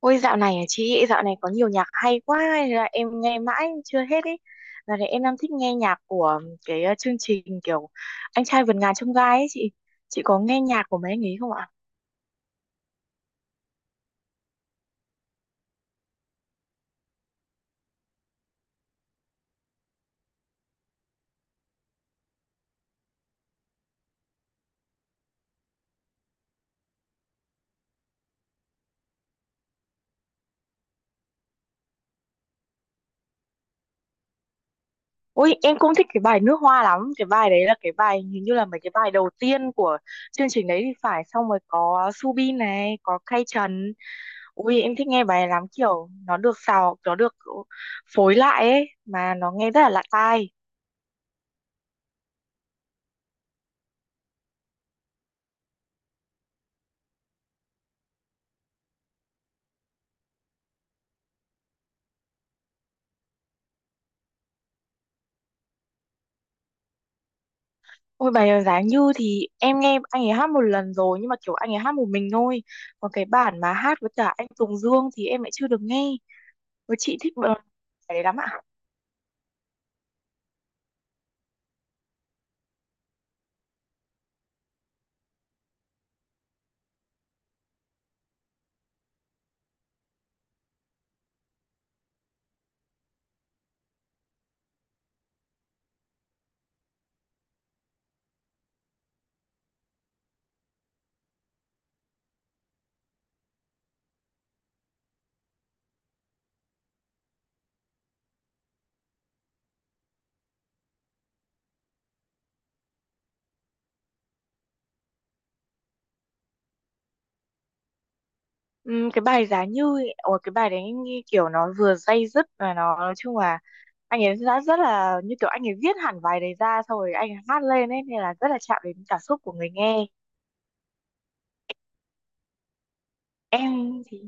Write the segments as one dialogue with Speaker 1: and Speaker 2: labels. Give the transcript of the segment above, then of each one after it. Speaker 1: Ôi dạo này à chị, dạo này có nhiều nhạc hay quá hay là em nghe mãi chưa hết ấy. Dạo này em đang thích nghe nhạc của cái chương trình kiểu Anh trai vượt ngàn chông gai ấy chị. Chị có nghe nhạc của mấy anh ấy không ạ? Ôi em cũng thích cái bài Nước Hoa lắm. Cái bài đấy là cái bài hình như là mấy cái bài đầu tiên của chương trình đấy thì phải. Xong rồi có Subin này, có Kay Trần. Ui em thích nghe bài này lắm, kiểu nó được xào, nó được phối lại ấy mà nó nghe rất là lạ tai. Ôi bài Giá Như thì em nghe anh ấy hát một lần rồi, nhưng mà kiểu anh ấy hát một mình thôi. Còn cái bản mà hát với cả anh Tùng Dương thì em lại chưa được nghe. Với chị thích bài bài đấy lắm ạ. Cái bài Giá Như, ôi cái bài đấy em nghe kiểu nó vừa day dứt, và nó nói chung là anh ấy đã rất là như kiểu anh ấy viết hẳn bài đấy ra xong rồi anh ấy hát lên ấy, nên là rất là chạm đến cảm xúc của người nghe. Em thì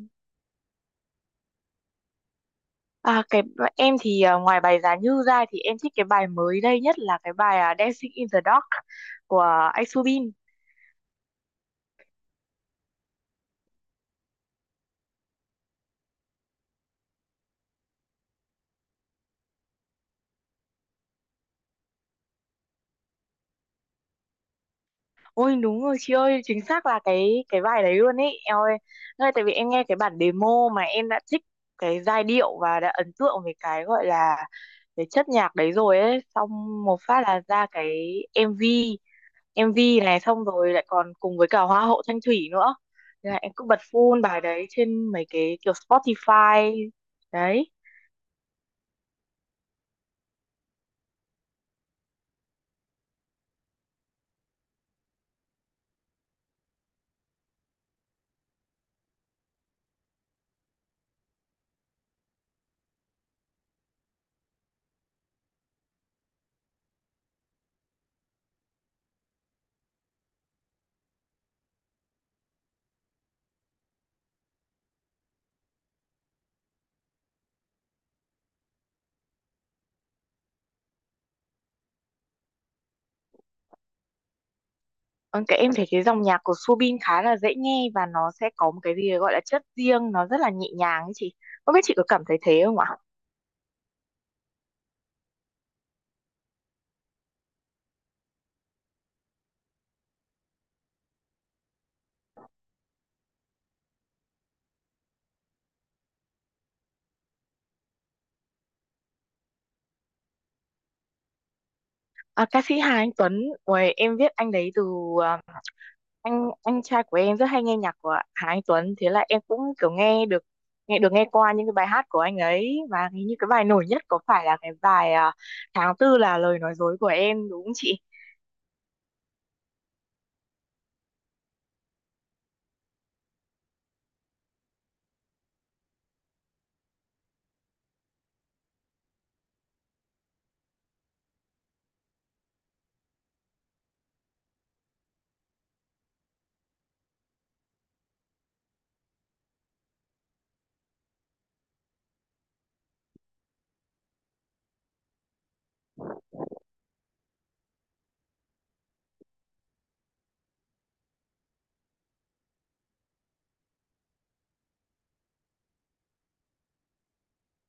Speaker 1: À, cái em thì à, ngoài bài Giá Như ra thì em thích cái bài mới đây nhất là cái bài Dancing in the Dark của anh Subin. Ôi đúng rồi chị ơi, chính xác là cái bài đấy luôn ấy. Em ơi, nơi tại vì em nghe cái bản demo mà em đã thích cái giai điệu và đã ấn tượng với cái gọi là cái chất nhạc đấy rồi ấy, xong một phát là ra cái MV. MV này xong rồi lại còn cùng với cả Hoa hậu Thanh Thủy nữa. Thế là em cứ bật full bài đấy trên mấy cái kiểu Spotify đấy. Ừ, cái em thấy cái dòng nhạc của Subin khá là dễ nghe và nó sẽ có một cái gì gọi là chất riêng, nó rất là nhẹ nhàng ấy chị. Không biết chị có cảm thấy thế không ạ? À, ca sĩ Hà Anh Tuấn, ôi, em biết anh đấy từ à, anh trai của em rất hay nghe nhạc của Hà Anh Tuấn, thế là em cũng kiểu nghe qua những cái bài hát của anh ấy, và hình như cái bài nổi nhất có phải là cái bài tháng tư là lời nói dối của em đúng không chị?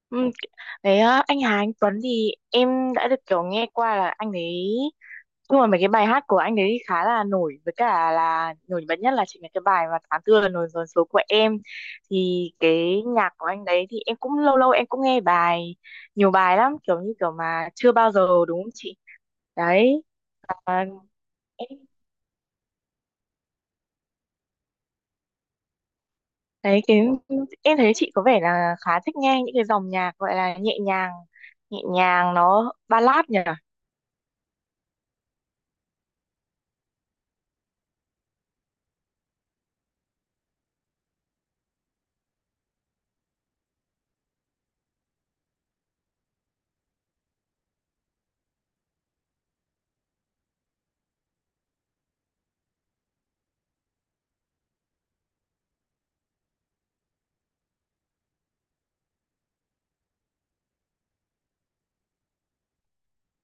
Speaker 1: Ừ. Đấy, anh Hà Anh Tuấn thì em đã được kiểu nghe qua là anh ấy. Nhưng mà mấy cái bài hát của anh đấy khá là nổi với cả là nổi bật nhất là chính là cái bài mà tháng tư là nổi dồn số của em, thì cái nhạc của anh đấy thì em cũng lâu lâu em cũng nghe nhiều bài lắm, kiểu như kiểu mà chưa bao giờ, đúng không chị? Đấy, à, em thấy cái em thấy chị có vẻ là khá thích nghe những cái dòng nhạc gọi là nhẹ nhàng, nhẹ nhàng nó ballad nhỉ.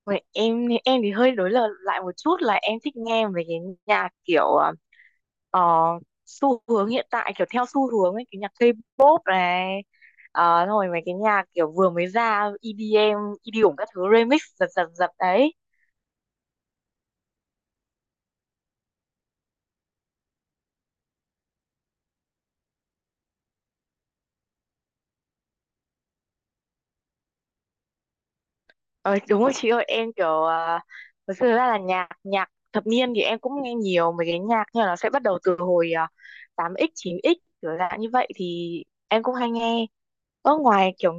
Speaker 1: Vậy em thì hơi đối lập lại một chút, là em thích nghe về cái nhạc kiểu Ờ, xu hướng hiện tại, kiểu theo xu hướng ấy, cái nhạc K-pop này, rồi mấy cái nhạc kiểu vừa mới ra EDM, EDM các thứ remix, giật giật giật đấy. Ờ, đúng rồi chị ơi, em kiểu thực sự ra là nhạc nhạc thập niên thì em cũng nghe nhiều mấy cái nhạc, nhưng mà nó sẽ bắt đầu từ hồi 8x 9x, kiểu dạng như vậy thì em cũng hay nghe. Ở ngoài kiểu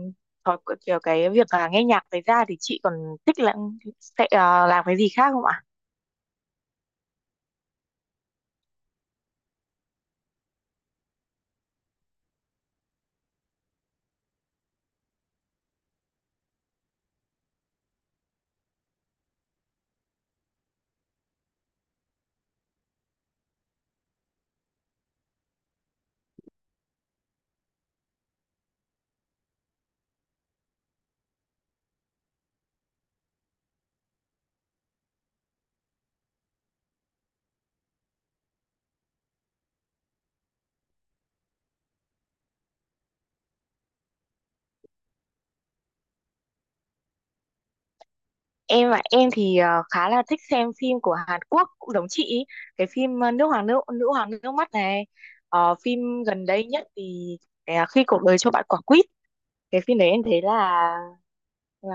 Speaker 1: thói, kiểu cái việc là nghe nhạc đấy ra thì chị còn thích là sẽ làm cái gì khác không ạ? Em ạ, em thì khá là thích xem phim của Hàn Quốc, cũng giống chị ý. Cái phim Nước Hoàng Nữ Nữ Hoàng Nước Mắt này. Phim gần đây nhất thì khi cuộc đời cho bạn quả quýt, cái phim đấy em thấy là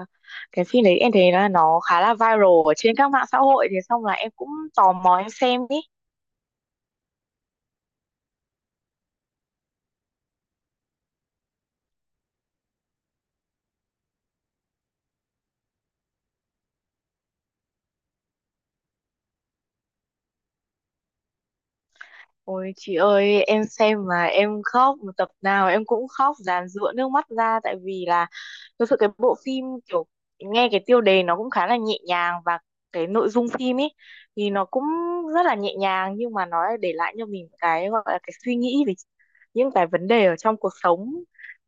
Speaker 1: là nó khá là viral ở trên các mạng xã hội, thì xong là em cũng tò mò em xem ý. Ôi chị ơi, em xem mà em khóc, một tập nào em cũng khóc dàn rụa nước mắt ra, tại vì là thực sự cái bộ phim kiểu nghe cái tiêu đề nó cũng khá là nhẹ nhàng, và cái nội dung phim ấy thì nó cũng rất là nhẹ nhàng, nhưng mà nó lại để lại cho mình cái gọi là cái suy nghĩ về những cái vấn đề ở trong cuộc sống,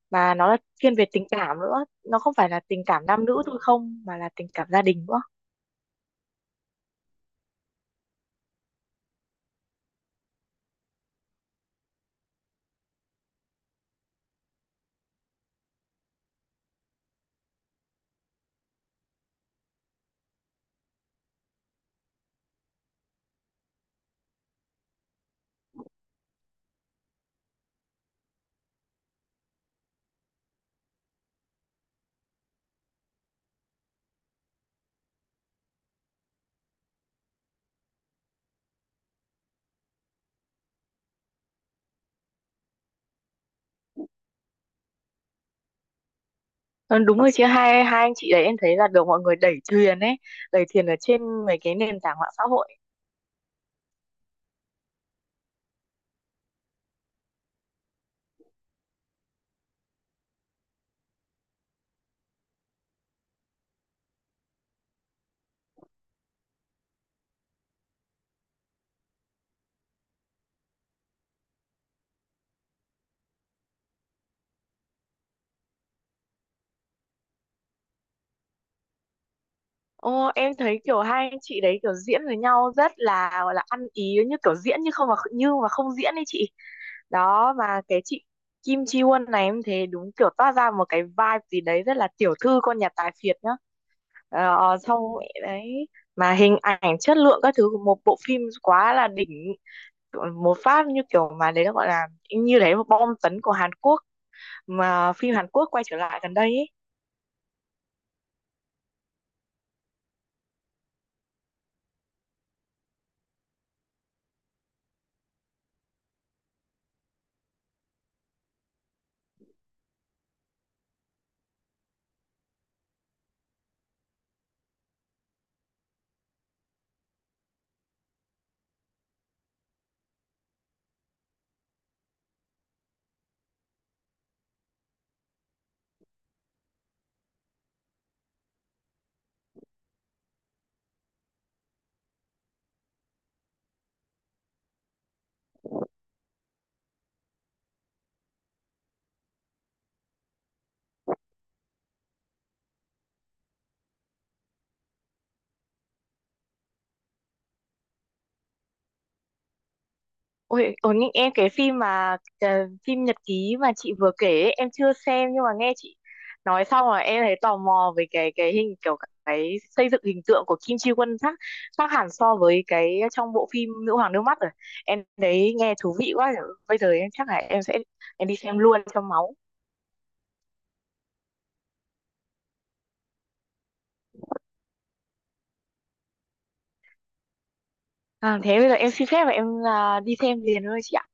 Speaker 1: mà nó là thiên về tình cảm nữa, nó không phải là tình cảm nam nữ thôi không, mà là tình cảm gia đình nữa. Ờ, đúng rồi chị, hai hai anh chị đấy em thấy là được mọi người đẩy thuyền ấy, đẩy thuyền ở trên mấy cái nền tảng mạng xã hội. Ô em thấy kiểu hai anh chị đấy kiểu diễn với nhau rất là, gọi là ăn ý, như kiểu diễn như không mà như mà không diễn ấy chị. Đó mà cái chị Kim Chi Won này em thấy đúng kiểu toát ra một cái vibe gì đấy rất là tiểu thư con nhà tài phiệt nhá. Xong đấy, mà hình ảnh chất lượng các thứ của một bộ phim quá là đỉnh, một phát như kiểu mà đấy nó gọi là như đấy một bom tấn của Hàn Quốc, mà phim Hàn Quốc quay trở lại gần đây ấy. Ôi, ôi nhưng em, cái phim mà phim Nhật ký mà chị vừa kể ấy, em chưa xem, nhưng mà nghe chị nói xong rồi em thấy tò mò về cái hình, kiểu cái xây dựng hình tượng của Kim Ji Won khác khác hẳn so với cái trong bộ phim Nữ hoàng nước mắt rồi. Em thấy nghe thú vị quá. Bây giờ em chắc là em sẽ em đi xem luôn cho máu. À, thế bây giờ em xin phép và em đi xem liền thôi chị ạ.